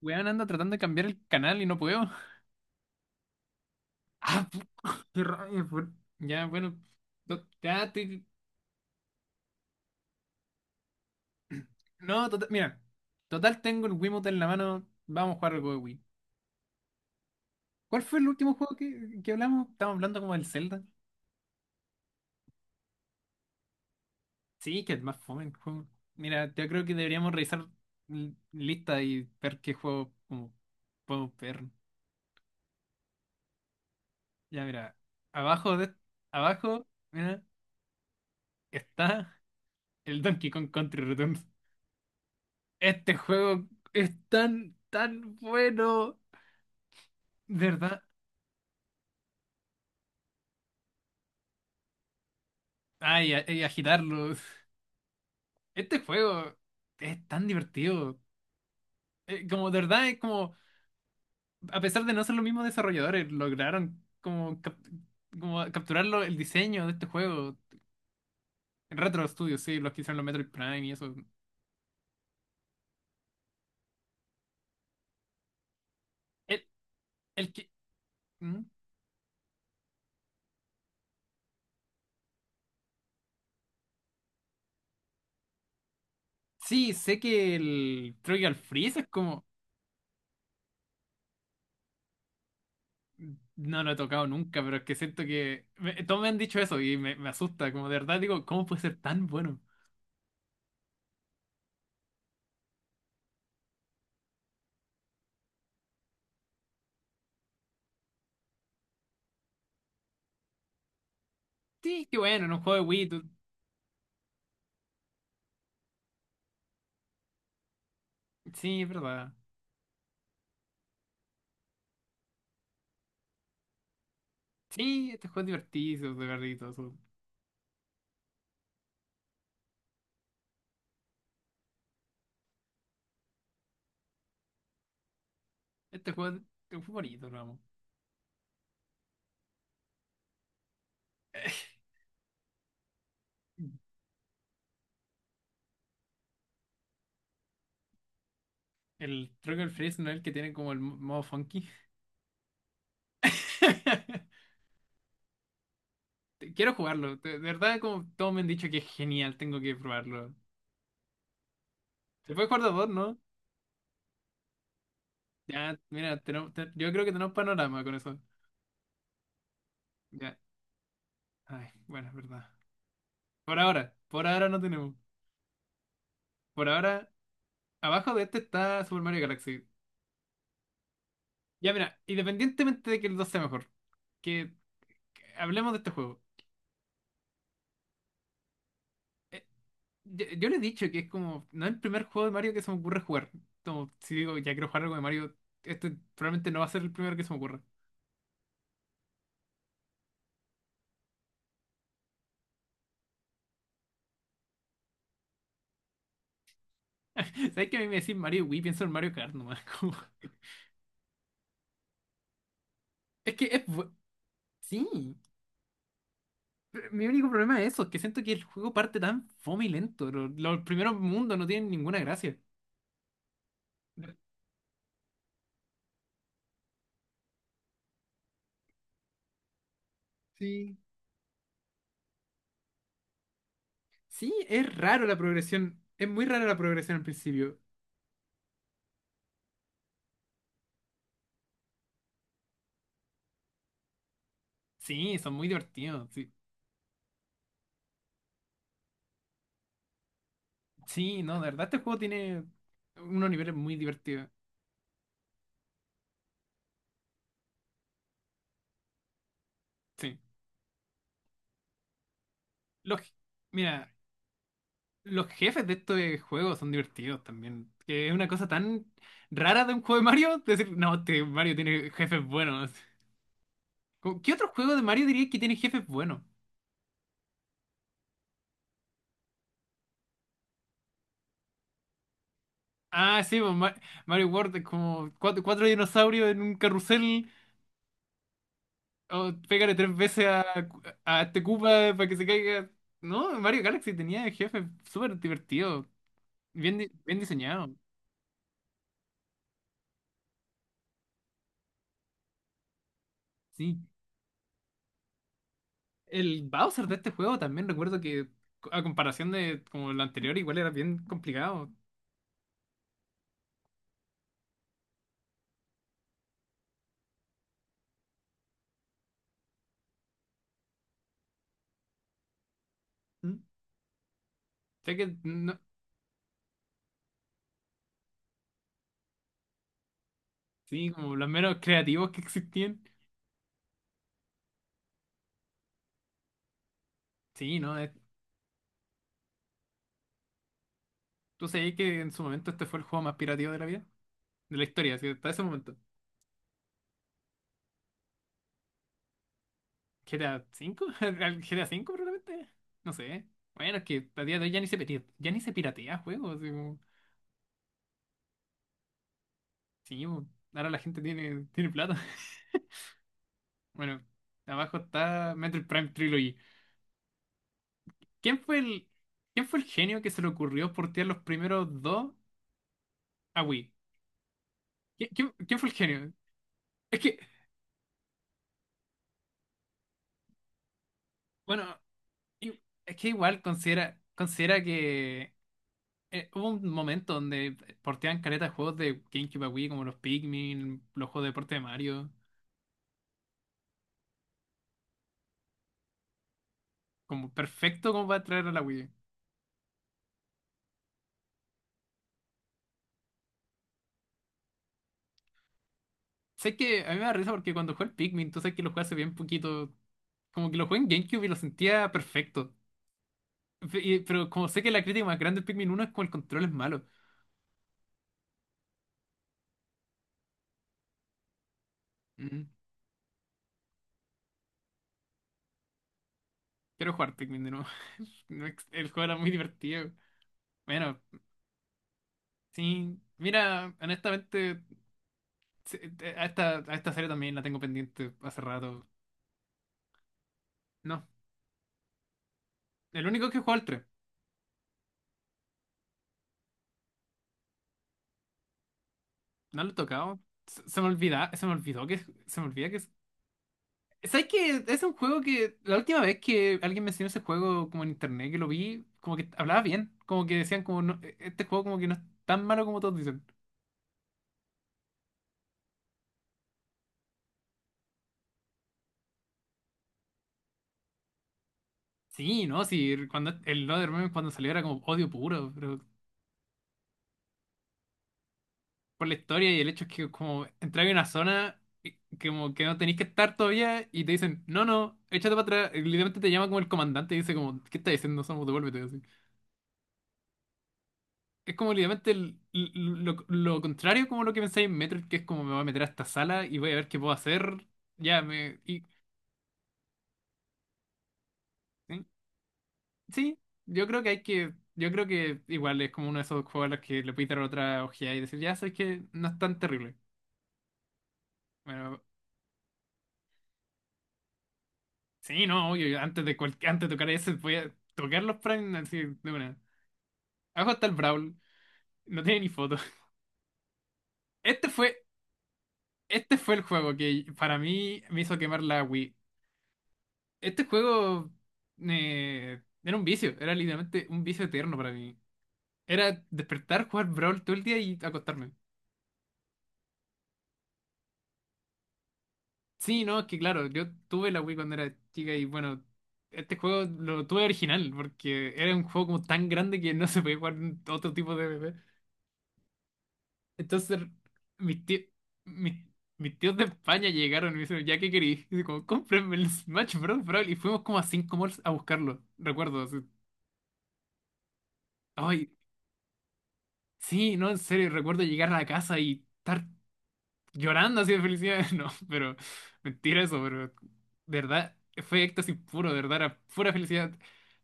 Weón, anda tratando de cambiar el canal y no puedo. Ah, pu- qué rabia, Ya, bueno. to- ya te- No, total, mira. Total, tengo el Wiimote en la mano. Vamos a jugar algo de Wii. ¿Cuál fue el último juego que hablamos? Estábamos hablando como del Zelda. Sí, que es más fome el juego. Mira, yo creo que deberíamos revisar lista y ver qué juego como, podemos ver. Ya, mira. Abajo de... Abajo, mira, está el Donkey Kong Country Returns. Este juego es tan, tan bueno, de ¿verdad? Y agitarlo. Este juego es tan divertido. Como, de verdad, es como, a pesar de no ser los mismos desarrolladores, lograron como capturarlo el diseño de este juego. Retro Studios, sí, los que hicieron los Metroid Prime y eso. El, el que... ¿Mm? Sí, sé que el Trivial Freeze es como... No lo he tocado nunca, pero es que siento que todos me han dicho eso y me asusta, como de verdad digo, ¿cómo puede ser tan bueno? Sí, qué bueno, en un juego de Wii, sí, es verdad. Sí, este juego es divertido, de verdad, y todo eso. Este juego Es un juego bonito, lo amo. El Trucker Freeze no es el que tiene como el modo funky. Quiero jugarlo, de verdad, como todos me han dicho que es genial, tengo que probarlo. Se puede jugar de a dos, ¿no? Ya, mira, yo creo que tenemos panorama con eso. Ya, ay, bueno, es verdad. Por ahora no tenemos. Por ahora, abajo de este está Super Mario Galaxy. Ya mira, independientemente de que el 2 sea mejor, que, que hablemos de este juego. Yo le he dicho que es como, no es el primer juego de Mario que se me ocurre jugar. Como, si digo, ya quiero jugar algo de Mario, este probablemente no va a ser el primero que se me ocurra. ¿Sabes que a mí me decís Mario Wii? Pienso en Mario Kart nomás. Es que es... Sí. Pero mi único problema es eso, que siento que el juego parte tan fome y lento. Los primeros mundos no tienen ninguna gracia. Sí, sí, es raro la progresión. Es muy rara la progresión al principio. Sí, son muy divertidos. Sí, sí, no, de verdad este juego tiene unos niveles muy divertidos. Sí. Los, Mira, los jefes de estos juegos son divertidos también. Que es una cosa tan rara de un juego de Mario. Decir, no, este Mario tiene jefes buenos. Como, ¿qué otro juego de Mario diría que tiene jefes buenos? Ah, sí, pues, Mario World es como cuatro, cuatro dinosaurios en un carrusel. Oh, pégale tres veces a este Koopa para que se caiga. No, Mario Galaxy tenía jefe súper divertido, bien diseñado, sí. El Bowser de este juego también recuerdo que, a comparación de como el anterior, igual era bien complicado. ¿Mm? Sé que, no, sí, como los menos creativos que existían. Sí, no, tú sabías que en su momento este fue el juego más pirativo de la vida, de la historia, así, hasta ese momento. ¿G T a 5, ¿Al G T a 5 probablemente? No sé. Bueno, es que a día de hoy ya ni se piratea juegos. Así sí, bo, ahora la gente tiene plata. Bueno, abajo está Metroid Prime Trilogy. ¿Quién fue el, ¿Quién fue el genio que se le ocurrió portear los primeros dos a Wii? ¿Quién fue el genio? Es que, bueno, i- es que igual considera que hubo un momento donde porteaban caretas de juegos de GameCube a Wii, como los Pikmin, los juegos de deporte de Mario. Como perfecto como para traer a la Wii. Sé que a mí me da risa porque cuando jugué el Pikmin, tú sabes que lo jugué hace bien poquito. Como que lo jugué en GameCube y lo sentía perfecto. Pero como sé que la crítica más grande del Pikmin uno es como el control es malo. Mm, quiero jugar Pikmin de nuevo. No ex- El juego era muy divertido. Bueno, sí. Mira, honestamente, a a esta serie también la tengo pendiente hace rato. No, el único que jugó el tres. No lo he tocado. Se me olvidó que se me olvida que ¿sabes que es un juego que la última vez que alguien mencionó ese juego como en internet que lo vi, como que hablaba bien, como que decían como no, este juego como que no es tan malo como todos dicen? Sí, no, sí, cuando el Meme cuando salió era como odio puro, pero por la historia y el hecho es que como entrar en una zona como que no tenéis que estar todavía y te dicen, no, no, échate para atrás, y literalmente te llama como el comandante y dice como, ¿qué estás diciendo? Somos, devuélvete. Es como literalmente el- Lo contrario como lo que pensáis en Metroid, que es como me voy a meter a esta sala y voy a ver qué puedo hacer. Ya, me... Y, ¿sí? Sí, yo creo que hay que... Yo creo que igual es como uno de esos juegos a los que le puedes dar otra ojeada y decir, ya sabes que no es tan terrible. Bueno, sí, no, obvio, yo antes de tocar ese voy a tocar los Prime así de una. Abajo está el Brawl, no tiene ni foto. Este fue, este fue el juego que para mí me hizo quemar la Wii. Este juego era un vicio, era literalmente un vicio eterno para mí. Era despertar, jugar Brawl todo el día y acostarme. Sí, no, es que claro, yo tuve la Wii cuando era chica y bueno, este juego lo tuve original porque era un juego como tan grande que no se podía jugar en otro tipo de bebé. Entonces, mis tíos, mis, mis tíos de España llegaron y me dijeron, ¿ya qué querí? Y como, cómprenme el Smash Bros. Brawl. Y fuimos como a 5 malls a buscarlo, recuerdo. Así. Ay, sí, no, en serio, recuerdo llegar a la casa y estar llorando así de felicidad. No, pero mentira eso, pero de verdad fue éxtasis puro, de verdad, era pura felicidad.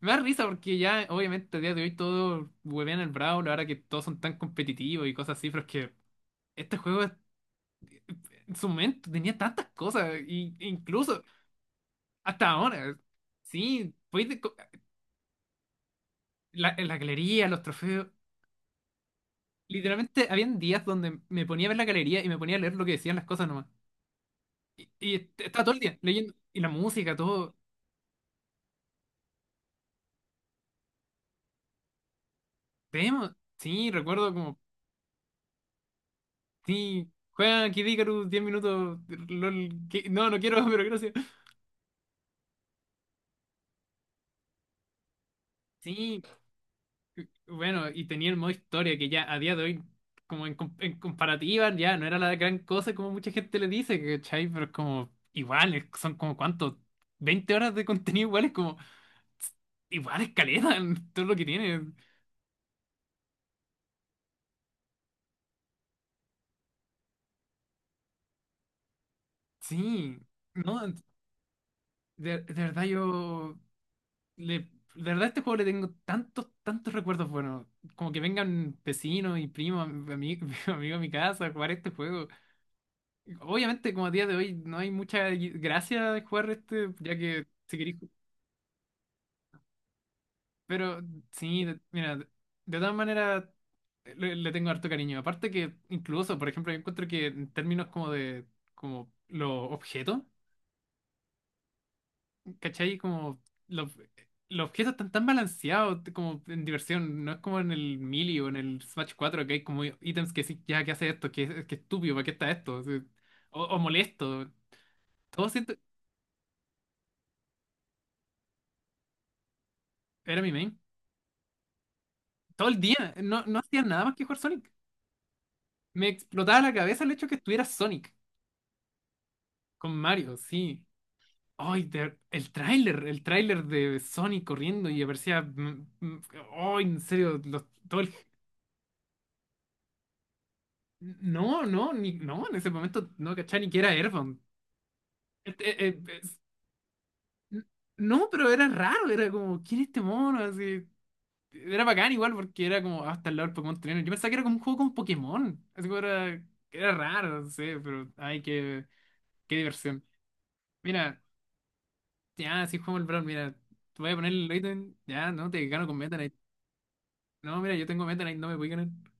Me da risa porque ya, obviamente, a día de hoy todo huevean el Brawl, ahora que todos son tan competitivos y cosas así, pero es que este juego en su momento tenía tantas cosas, y, e incluso hasta ahora. Sí, la, la galería, los trofeos. Literalmente habían días donde me ponía a ver la galería y me ponía a leer lo que decían las cosas nomás. Y todo el día leyendo. Y la música, todo. Tenemos. Sí, recuerdo como. Sí, juega Kid Icarus 10 minutos. LOL, no, no quiero, pero gracias. Sí, bueno, y tenía el modo historia que ya a día de hoy, en comparativa, ya no era la gran cosa como mucha gente le dice, ¿cachai? Pero es como. Igual, son como cuánto. 20 horas de contenido igual es como. Igual es caleta, en todo lo que tiene. Sí, no, de verdad yo. Le, de verdad, a este juego le tengo tantos, tantos recuerdos buenos. Como que vengan vecinos y primos, amigos, amigos a mi casa a jugar este juego. Obviamente, como a día de hoy, no hay mucha gracia de jugar este, ya que si queréis. Pero sí, mira, de todas maneras, le tengo harto cariño. Aparte que, incluso, por ejemplo, yo encuentro que en términos como de como los objetos. ¿Cachai? Como los, los objetos están tan balanceados como en diversión. No es como en el Melee o en el Smash 4 que hay como ítems que sí, ya, ¿qué hace esto? ¿Qué estúpido? ¿Para qué está esto? Sí. O molesto. Todo siento... Era mi main. Todo el día. No, no hacía nada más que jugar Sonic. Me explotaba la cabeza el hecho que estuviera Sonic con Mario, sí. El tráiler, el tráiler de Sonic corriendo y aparecía... mm, mm, ay, en serio, todo el... No, no, ni, no, en ese momento no cachaba ni que era Airbound. Este, eh, eh, es- n- no, pero era raro, era como, ¿quién es este mono? Así, era bacán igual porque era como, hasta el lado del Pokémon Trainer. Yo pensaba que era como un juego con Pokémon. Así como era, era raro, no sé, pero, ay, qué, qué diversión. Mira, ya, si jugamos el Brawl, mira, te voy a poner el ítem, ya, no, te gano con Meta Knight. No, mira, yo tengo Meta Knight, no me voy a ganar.